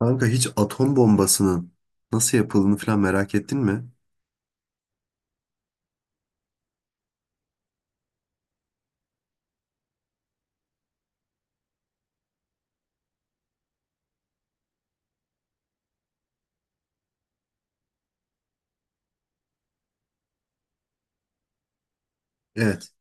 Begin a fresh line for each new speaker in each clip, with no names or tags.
Kanka hiç atom bombasının nasıl yapıldığını falan merak ettin mi? Evet.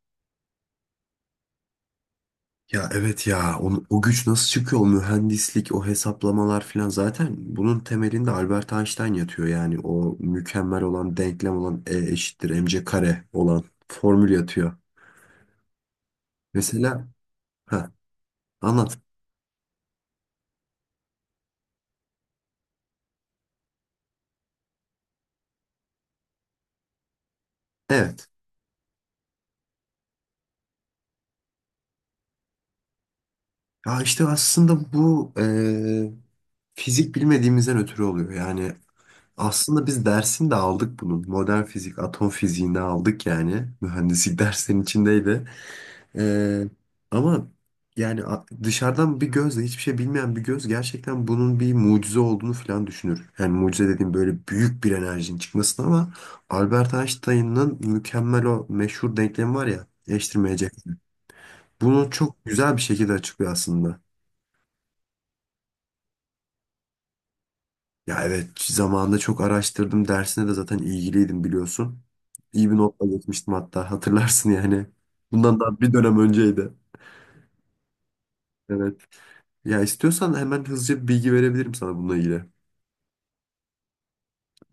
Ya evet ya o güç nasıl çıkıyor, o mühendislik, o hesaplamalar falan. Zaten bunun temelinde Albert Einstein yatıyor, yani o mükemmel olan, denklem olan E eşittir mc kare olan formül yatıyor. Mesela ha, anlat. Evet. Ya işte aslında bu fizik bilmediğimizden ötürü oluyor. Yani aslında biz dersini de aldık bunun. Modern fizik, atom fiziğini aldık yani. Mühendislik dersinin içindeydi. Ee, ama yani dışarıdan bir gözle, hiçbir şey bilmeyen bir göz gerçekten bunun bir mucize olduğunu falan düşünür. Yani mucize dediğim böyle büyük bir enerjinin çıkmasını, ama Albert Einstein'ın mükemmel o meşhur denklemi var ya, eşleştirmeyecek. Bunu çok güzel bir şekilde açıklıyor aslında. Ya evet, zamanında çok araştırdım. Dersine de zaten ilgiliydim, biliyorsun. İyi bir notla geçmiştim hatta, hatırlarsın yani. Bundan daha bir dönem önceydi. Evet. Ya istiyorsan hemen hızlıca bir bilgi verebilirim sana bununla ilgili.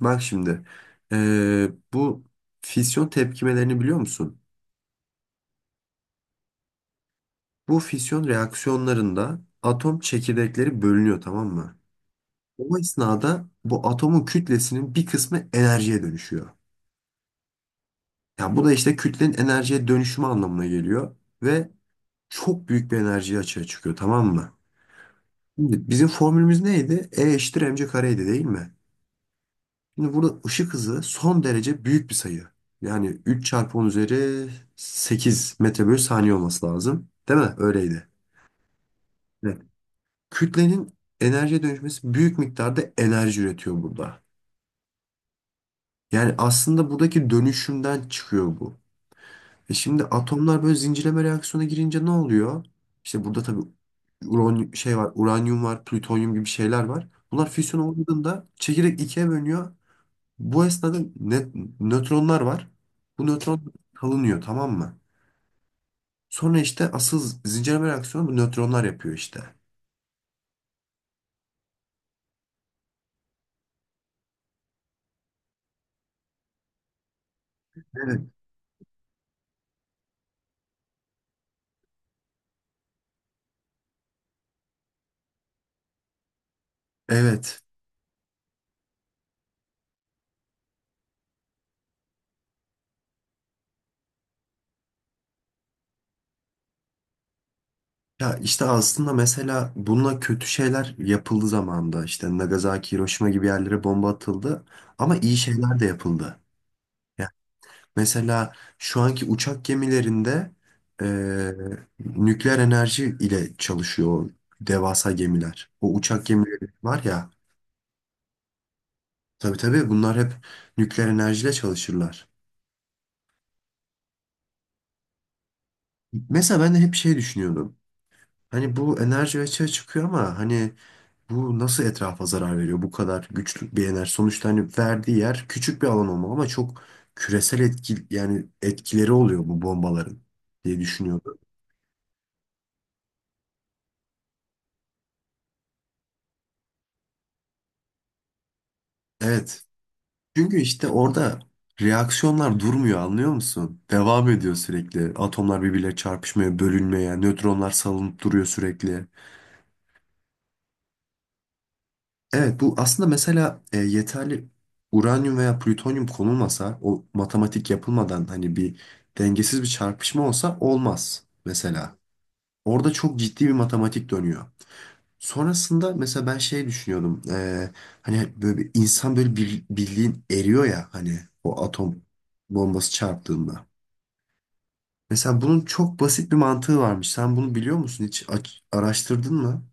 Bak şimdi. Bu fisyon tepkimelerini biliyor musun? Bu fisyon reaksiyonlarında atom çekirdekleri bölünüyor, tamam mı? O esnada bu atomun kütlesinin bir kısmı enerjiye dönüşüyor. Ya bu da işte kütlenin enerjiye dönüşümü anlamına geliyor. Ve çok büyük bir enerji açığa çıkıyor, tamam mı? Şimdi bizim formülümüz neydi? E eşittir mc kareydi, değil mi? Şimdi burada ışık hızı son derece büyük bir sayı. Yani 3 çarpı 10 üzeri 8 metre bölü saniye olması lazım. Değil mi? Öyleydi. Evet. Kütlenin enerjiye dönüşmesi büyük miktarda enerji üretiyor burada. Yani aslında buradaki dönüşümden çıkıyor bu. E şimdi atomlar böyle zincirleme reaksiyona girince ne oluyor? İşte burada tabii uran şey var, uranyum var, plütonyum gibi şeyler var. Bunlar füsyon olduğunda çekirdek ikiye bölünüyor. Bu esnada nötronlar var. Bu nötron salınıyor, tamam mı? Sonra işte asıl zincirleme reaksiyonu bu nötronlar yapıyor işte. Evet. Evet. Ya işte aslında mesela bununla kötü şeyler yapıldı zamanında. İşte Nagasaki, Hiroşima gibi yerlere bomba atıldı. Ama iyi şeyler de yapıldı. Mesela şu anki uçak gemilerinde e, nükleer enerji ile çalışıyor o devasa gemiler. O uçak gemileri var ya, tabii tabii bunlar hep nükleer enerjiyle çalışırlar. Mesela ben de hep şey düşünüyordum. Hani bu enerji açığa çıkıyor ama hani bu nasıl etrafa zarar veriyor bu kadar güçlü bir enerji? Sonuçta hani verdiği yer küçük bir alan olmalı ama çok küresel etki, yani etkileri oluyor bu bombaların diye düşünüyordum. Evet. Çünkü işte orada reaksiyonlar durmuyor, anlıyor musun? Devam ediyor sürekli. Atomlar birbirleriyle çarpışmaya, bölünmeye, nötronlar salınıp duruyor sürekli. Evet, bu aslında mesela yeterli uranyum veya plütonyum konulmasa, o matematik yapılmadan hani bir dengesiz bir çarpışma olsa olmaz mesela. Orada çok ciddi bir matematik dönüyor. Sonrasında mesela ben şey düşünüyordum. Hani böyle bir insan böyle bir, bildiğin eriyor ya hani, o atom bombası çarptığında. Mesela bunun çok basit bir mantığı varmış. Sen bunu biliyor musun? Hiç araştırdın mı?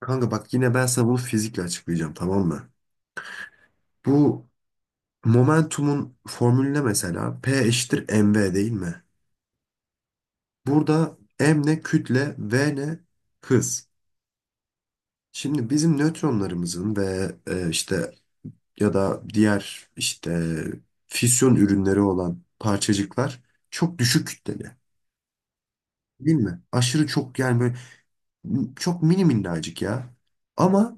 Kanka bak, yine ben sana bunu fizikle açıklayacağım, tamam mı? Bu momentumun formülüne mesela P eşittir mv, değil mi? Burada m ne, kütle; v ne, hız. Şimdi bizim nötronlarımızın ve işte, ya da diğer işte fisyon ürünleri olan parçacıklar çok düşük kütleli. Değil mi? Aşırı çok, yani böyle çok mini minnacık ya. Ama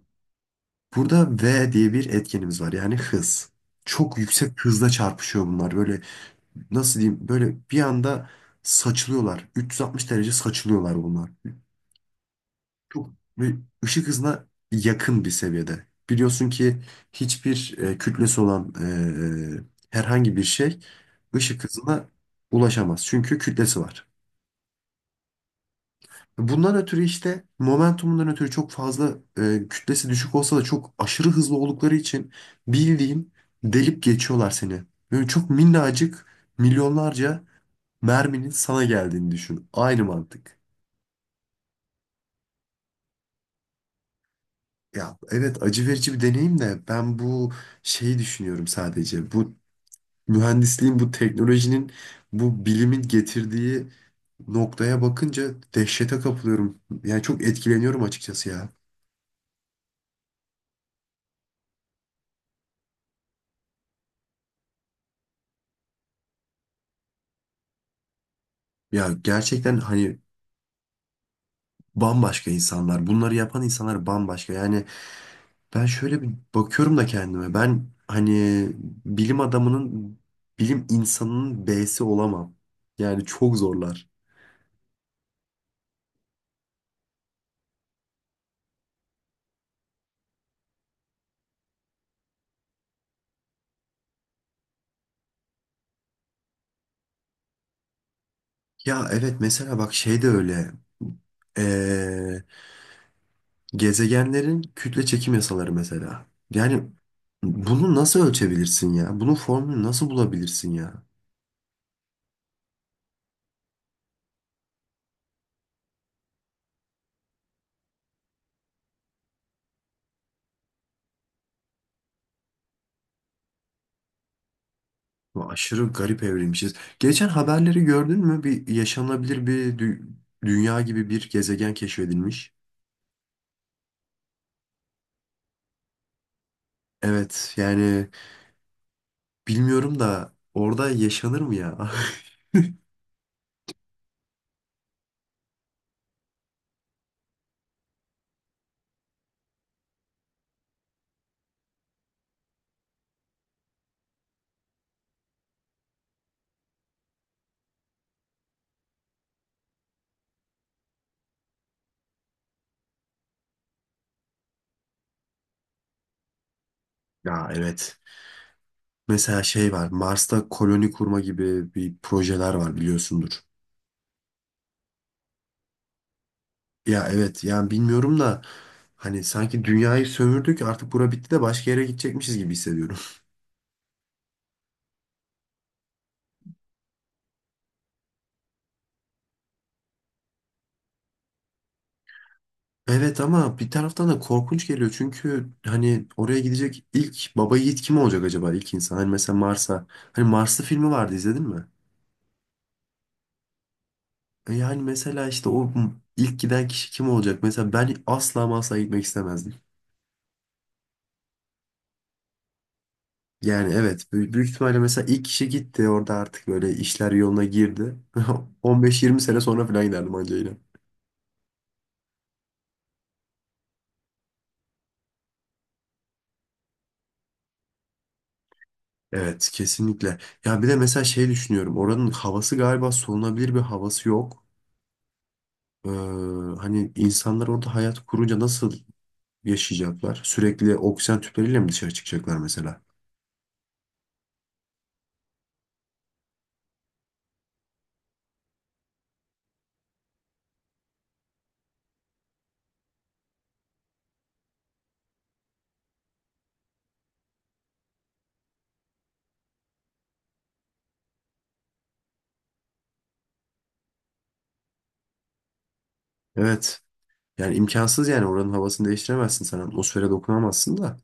burada V diye bir etkenimiz var, yani hız. Çok yüksek hızla çarpışıyor bunlar. Böyle nasıl diyeyim, böyle bir anda saçılıyorlar. 360 derece saçılıyorlar bunlar. Çok ve ışık hızına yakın bir seviyede. Biliyorsun ki hiçbir kütlesi olan herhangi bir şey ışık hızına ulaşamaz. Çünkü kütlesi var. Bundan ötürü işte momentumundan ötürü çok fazla, kütlesi düşük olsa da çok aşırı hızlı oldukları için bildiğin delip geçiyorlar seni. Böyle çok minnacık milyonlarca merminin sana geldiğini düşün. Aynı mantık. Ya evet acı verici bir deneyim, de ben bu şeyi düşünüyorum sadece. Bu mühendisliğin, bu teknolojinin, bu bilimin getirdiği noktaya bakınca dehşete kapılıyorum. Yani çok etkileniyorum açıkçası ya. Ya gerçekten hani bambaşka insanlar. Bunları yapan insanlar bambaşka. Yani ben şöyle bir bakıyorum da kendime. Ben hani bilim adamının, bilim insanının B'si olamam. Yani çok zorlar. Ya evet, mesela bak şey de öyle. Ee, gezegenlerin kütle çekim yasaları mesela. Yani bunu nasıl ölçebilirsin ya? Bunun formülünü nasıl bulabilirsin ya? Bu aşırı garip evrilmişiz. Geçen haberleri gördün mü? Bir yaşanabilir bir dünya gibi bir gezegen keşfedilmiş. Evet yani bilmiyorum da, orada yaşanır mı ya? Ya evet. Mesela şey var, Mars'ta koloni kurma gibi bir projeler var, biliyorsundur. Ya evet yani bilmiyorum da, hani sanki dünyayı sömürdük artık, bura bitti de başka yere gidecekmişiz gibi hissediyorum. Evet ama bir taraftan da korkunç geliyor, çünkü hani oraya gidecek ilk baba yiğit kim olacak acaba, ilk insan? Hani mesela Mars'a, hani Marslı filmi vardı, izledin mi? Yani mesela işte o ilk giden kişi kim olacak? Mesela ben asla ama asla gitmek istemezdim. Yani evet, büyük, büyük ihtimalle mesela ilk kişi gitti, orada artık böyle işler yoluna girdi, 15-20 sene sonra falan giderdim ancayla. Evet kesinlikle. Ya bir de mesela şey düşünüyorum, oranın havası, galiba solunabilir bir havası yok. Ee, hani insanlar orada hayat kurunca nasıl yaşayacaklar? Sürekli oksijen tüpleriyle mi dışarı çıkacaklar mesela? Evet. Yani imkansız, yani oranın havasını değiştiremezsin sen, atmosfere dokunamazsın da.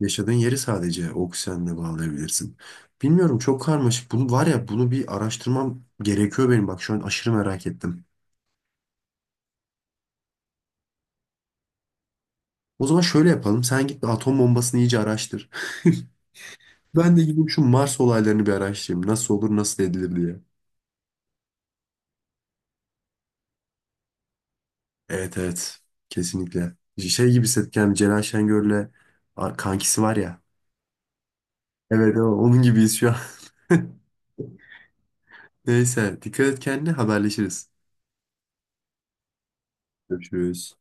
Yaşadığın yeri sadece oksijenle bağlayabilirsin. Bilmiyorum, çok karmaşık. Bunu var ya, bunu bir araştırmam gerekiyor benim. Bak şu an aşırı merak ettim. O zaman şöyle yapalım. Sen git bir atom bombasını iyice araştır. Ben de gidip şu Mars olaylarını bir araştırayım. Nasıl olur, nasıl edilir diye. Evet, evet. Kesinlikle. Şey gibi hissettik yani, Celal Şengör'le kankisi var ya. Evet, onun gibiyiz şu an. Neyse, dikkat et kendine, haberleşiriz. Görüşürüz.